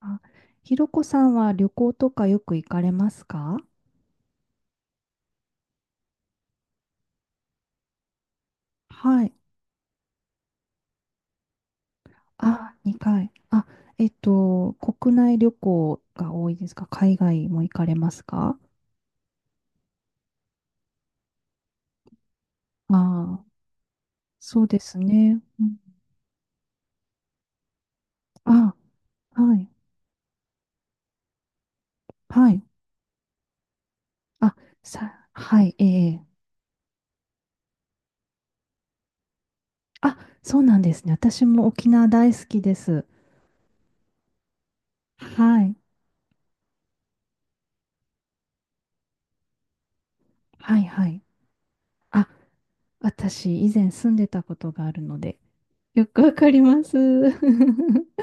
あ、ひろこさんは旅行とかよく行かれますか？はい。あ、2回。国内旅行が多いですか？海外も行かれますか？ああ、そうですね。うん。あ、はい。はい。あ、さ、はい、ええ。あ、そうなんですね。私も沖縄大好きです。はい。はい、はい。あ、私、以前住んでたことがあるので、よくわかります。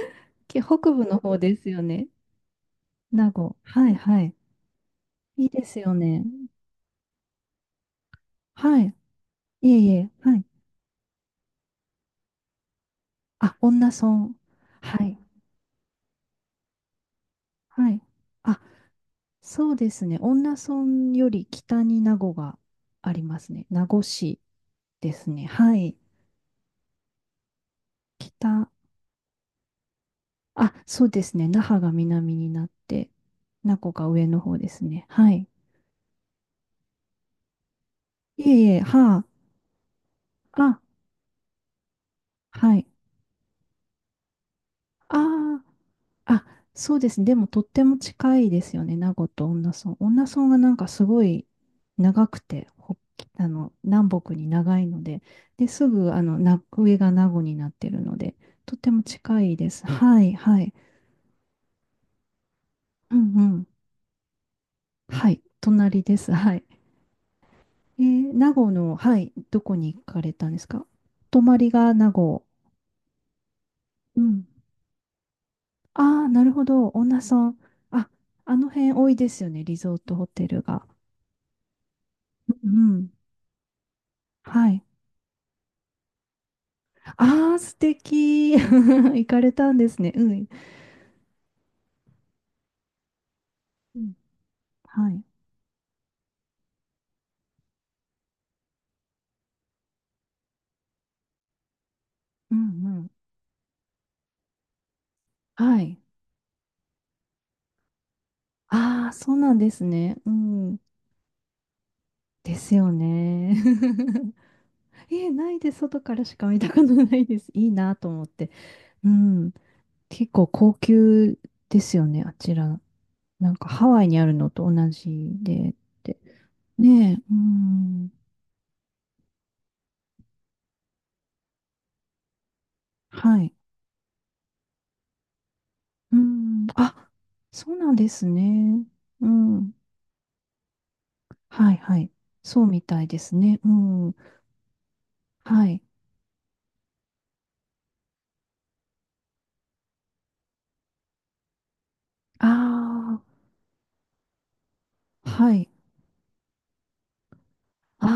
け北部の方ですよね。名護。はいはい。いいですよね。はい。いえいえ。はい。あ、恩納村。はい。はい。あ、そうですね。恩納村より北に名護がありますね。名護市ですね。はい。北。あ、そうですね。那覇が南になって、名護が上の方ですね。はい。いえいえ。はあ。あ、はい。ああ。あ、そうですね。でもとっても近いですよね。名護と恩納村。恩納村がなんかすごい長くて、ほ南北に長いので、で、すぐ、な、上が名護になってるので、とっても近いです。うん、はい、はい。うんうん。はい、隣です。はい。名護の、はい、どこに行かれたんですか？泊まりが名護。うん。ああ、なるほど。恩納村。あ、あの辺多いですよね。リゾートホテルが。うんうん。はい。ああ、素敵。行かれたんですね。うん。うん。はい。うんうん。はい。ああ、そうなんですね。うん。ですよね。え、ないで外からしか見たことないです。いいなと思って。うん。結構高級ですよね、あちら。なんかハワイにあるのと同じでって。ねえ、うん。はい。うん。あ、そうなんですね。うん。はいはい。そうみたいですね。うん。はい。ああ、はい。あ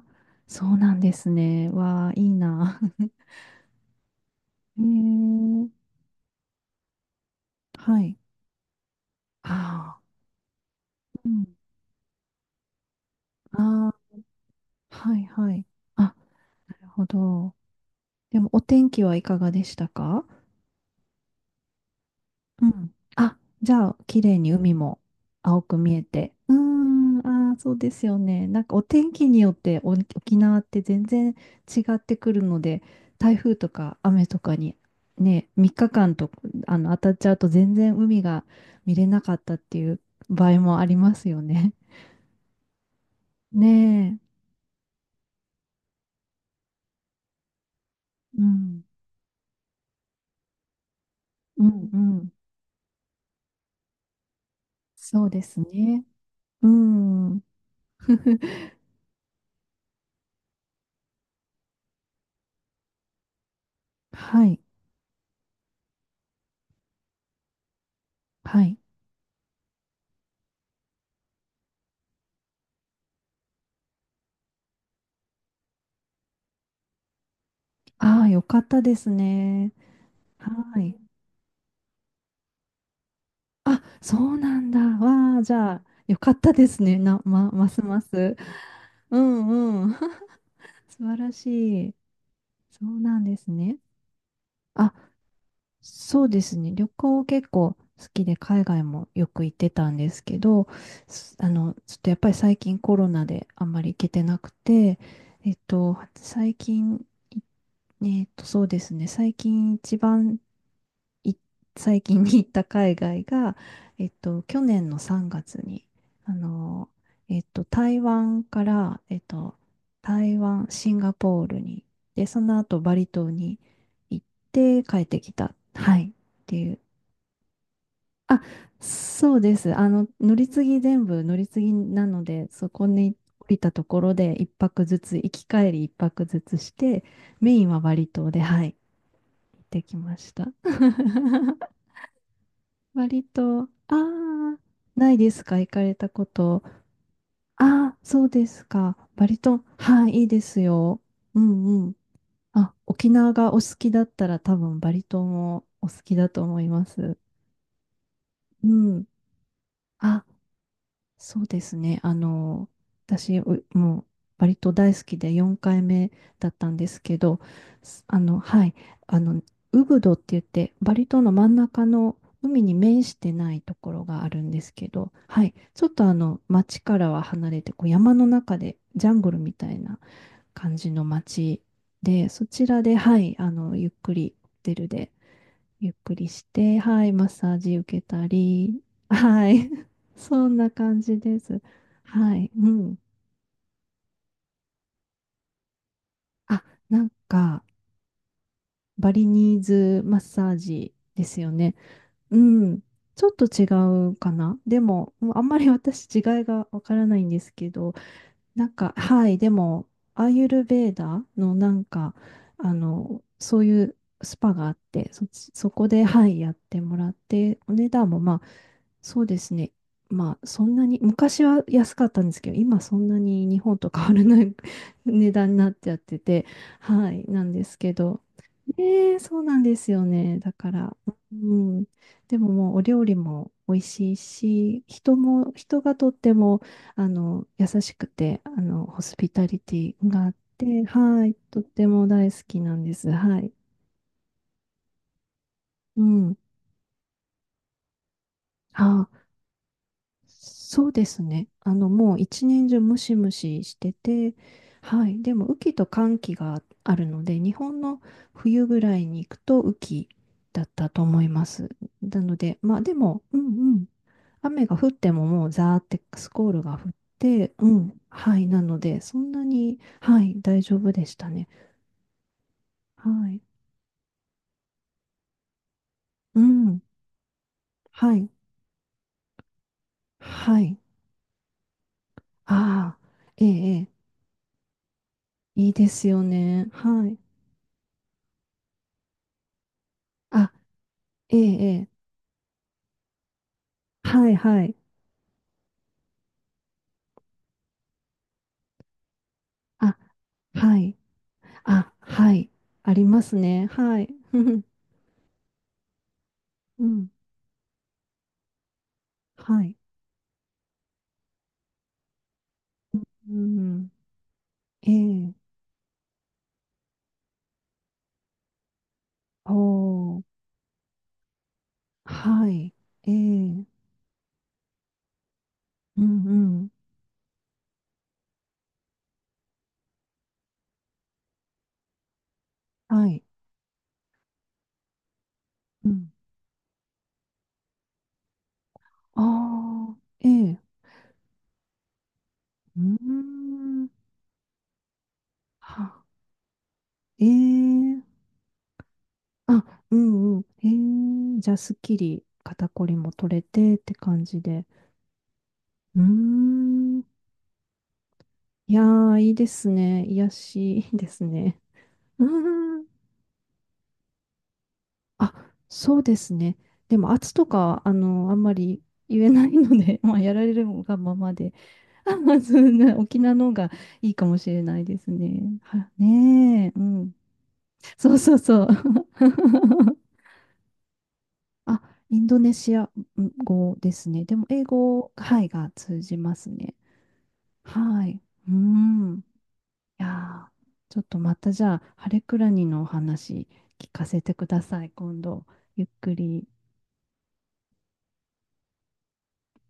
あ、そうなんですね。わあ、いいな。えー、はい。ああ、うん。ああ、はいはい。あ、なるほど。でも、お天気はいかがでしたか？うん。あ、じゃあ、綺麗に海も青く見えて。うーん、ああ、そうですよね。なんかお天気によってお沖縄って全然違ってくるので、台風とか雨とかにね、3日間と当たっちゃうと全然海が見れなかったっていう場合もありますよね。ねえ。うん、うん、うん。そうですね。うん。はい、はい。ああ、よかったですね。はい。あ、そうなんだ。わあ、じゃあ、よかったですね。な、ま、ますます。うんうん。素晴らしい。そうなんですね。あ、そうですね。旅行結構好きで、海外もよく行ってたんですけど、すちょっとやっぱり最近コロナであんまり行けてなくて、えっと、最近、いそうですね。最近一番い最近に行った海外が、去年の3月に、あの、台湾から、台湾、シンガポールに、で、その後バリ島に行って帰ってきた。はい。っていう。あ、そうです。あの、乗り継ぎ全部乗り継ぎなので、そこに降りたところで一泊ずつ、行き帰り一泊ずつして、メインはバリ島で、はい、行ってきました。割と、ああ、ないですか、行かれたこと。ああ、そうですか。割と、はい、いいですよ。うんうん。あ、沖縄がお好きだったら多分バリ島もお好きだと思います。うん。あ、そうですね。あの、私、うもう、割と大好きで4回目だったんですけど、すはい、あの、ウブドって言って、バリ島の真ん中の海に面してないところがあるんですけど、はい、ちょっとあの、町からは離れて、こう山の中で、ジャングルみたいな感じの町で、そちらで、はい、あの、ゆっくりホテルでゆっくりして、はい、マッサージ受けたり、はい、そんな感じです。はい、うん。あ、なんか、バリニーズマッサージですよね。うん、ちょっと違うかな。でも、もうあんまり私違いがわからないんですけど、なんか、はい、でも、アーユルヴェーダのなんか、あの、そういうスパがあって、そっち、そこで、はい、やってもらって、お値段もまあ、そうですね。まあ、そんなに、昔は安かったんですけど、今そんなに日本と変わらない 値段になっちゃってて、はい、なんですけど、ええ、そうなんですよね。だから、うん。でももうお料理も美味しいし、人も、人がとっても、あの、優しくて、あの、ホスピタリティがあって、はい、とっても大好きなんです。はい。うん。あ、そうですね。あの、もう一年中ムシムシしてて、はい。でも、雨季と乾季があるので、日本の冬ぐらいに行くと雨季だったと思います。なので、まあでも、うんうん。雨が降ってももうザーってスコールが降って、うん。はい。なので、そんなに、はい、大丈夫でしたね。はい。うん。はい。はい。ああ、ええ、ええ、いいですよね。はい。あ、ええ、ええ、はい、はい。あ、はい。あ、はい。ありますね。はい。ふふ、うん。はい。うん。ええ。おー。はい。ええ。うんうん。はい。うん。ああ。ええ。うーん。は。ええ。あ、うんうん。ええ。じゃあ、すっきり肩こりも取れてって感じで。うーん。いやー、いいですね。癒やし、いいですね。うーん、あ、そうですね。でも圧とかは、あの、あんまり言えないので、まあ、やられるがままで、あ、まあ、そんな、沖縄の方がいいかもしれないですね。は、ねえ、うん。そうそうそう。あ、インドネシア語ですね。でも、英語、はい、が通じますね。はい。うん。いやー、ちょっとまたじゃあ、ハレクラニのお話聞かせてください、今度。ゆっくり。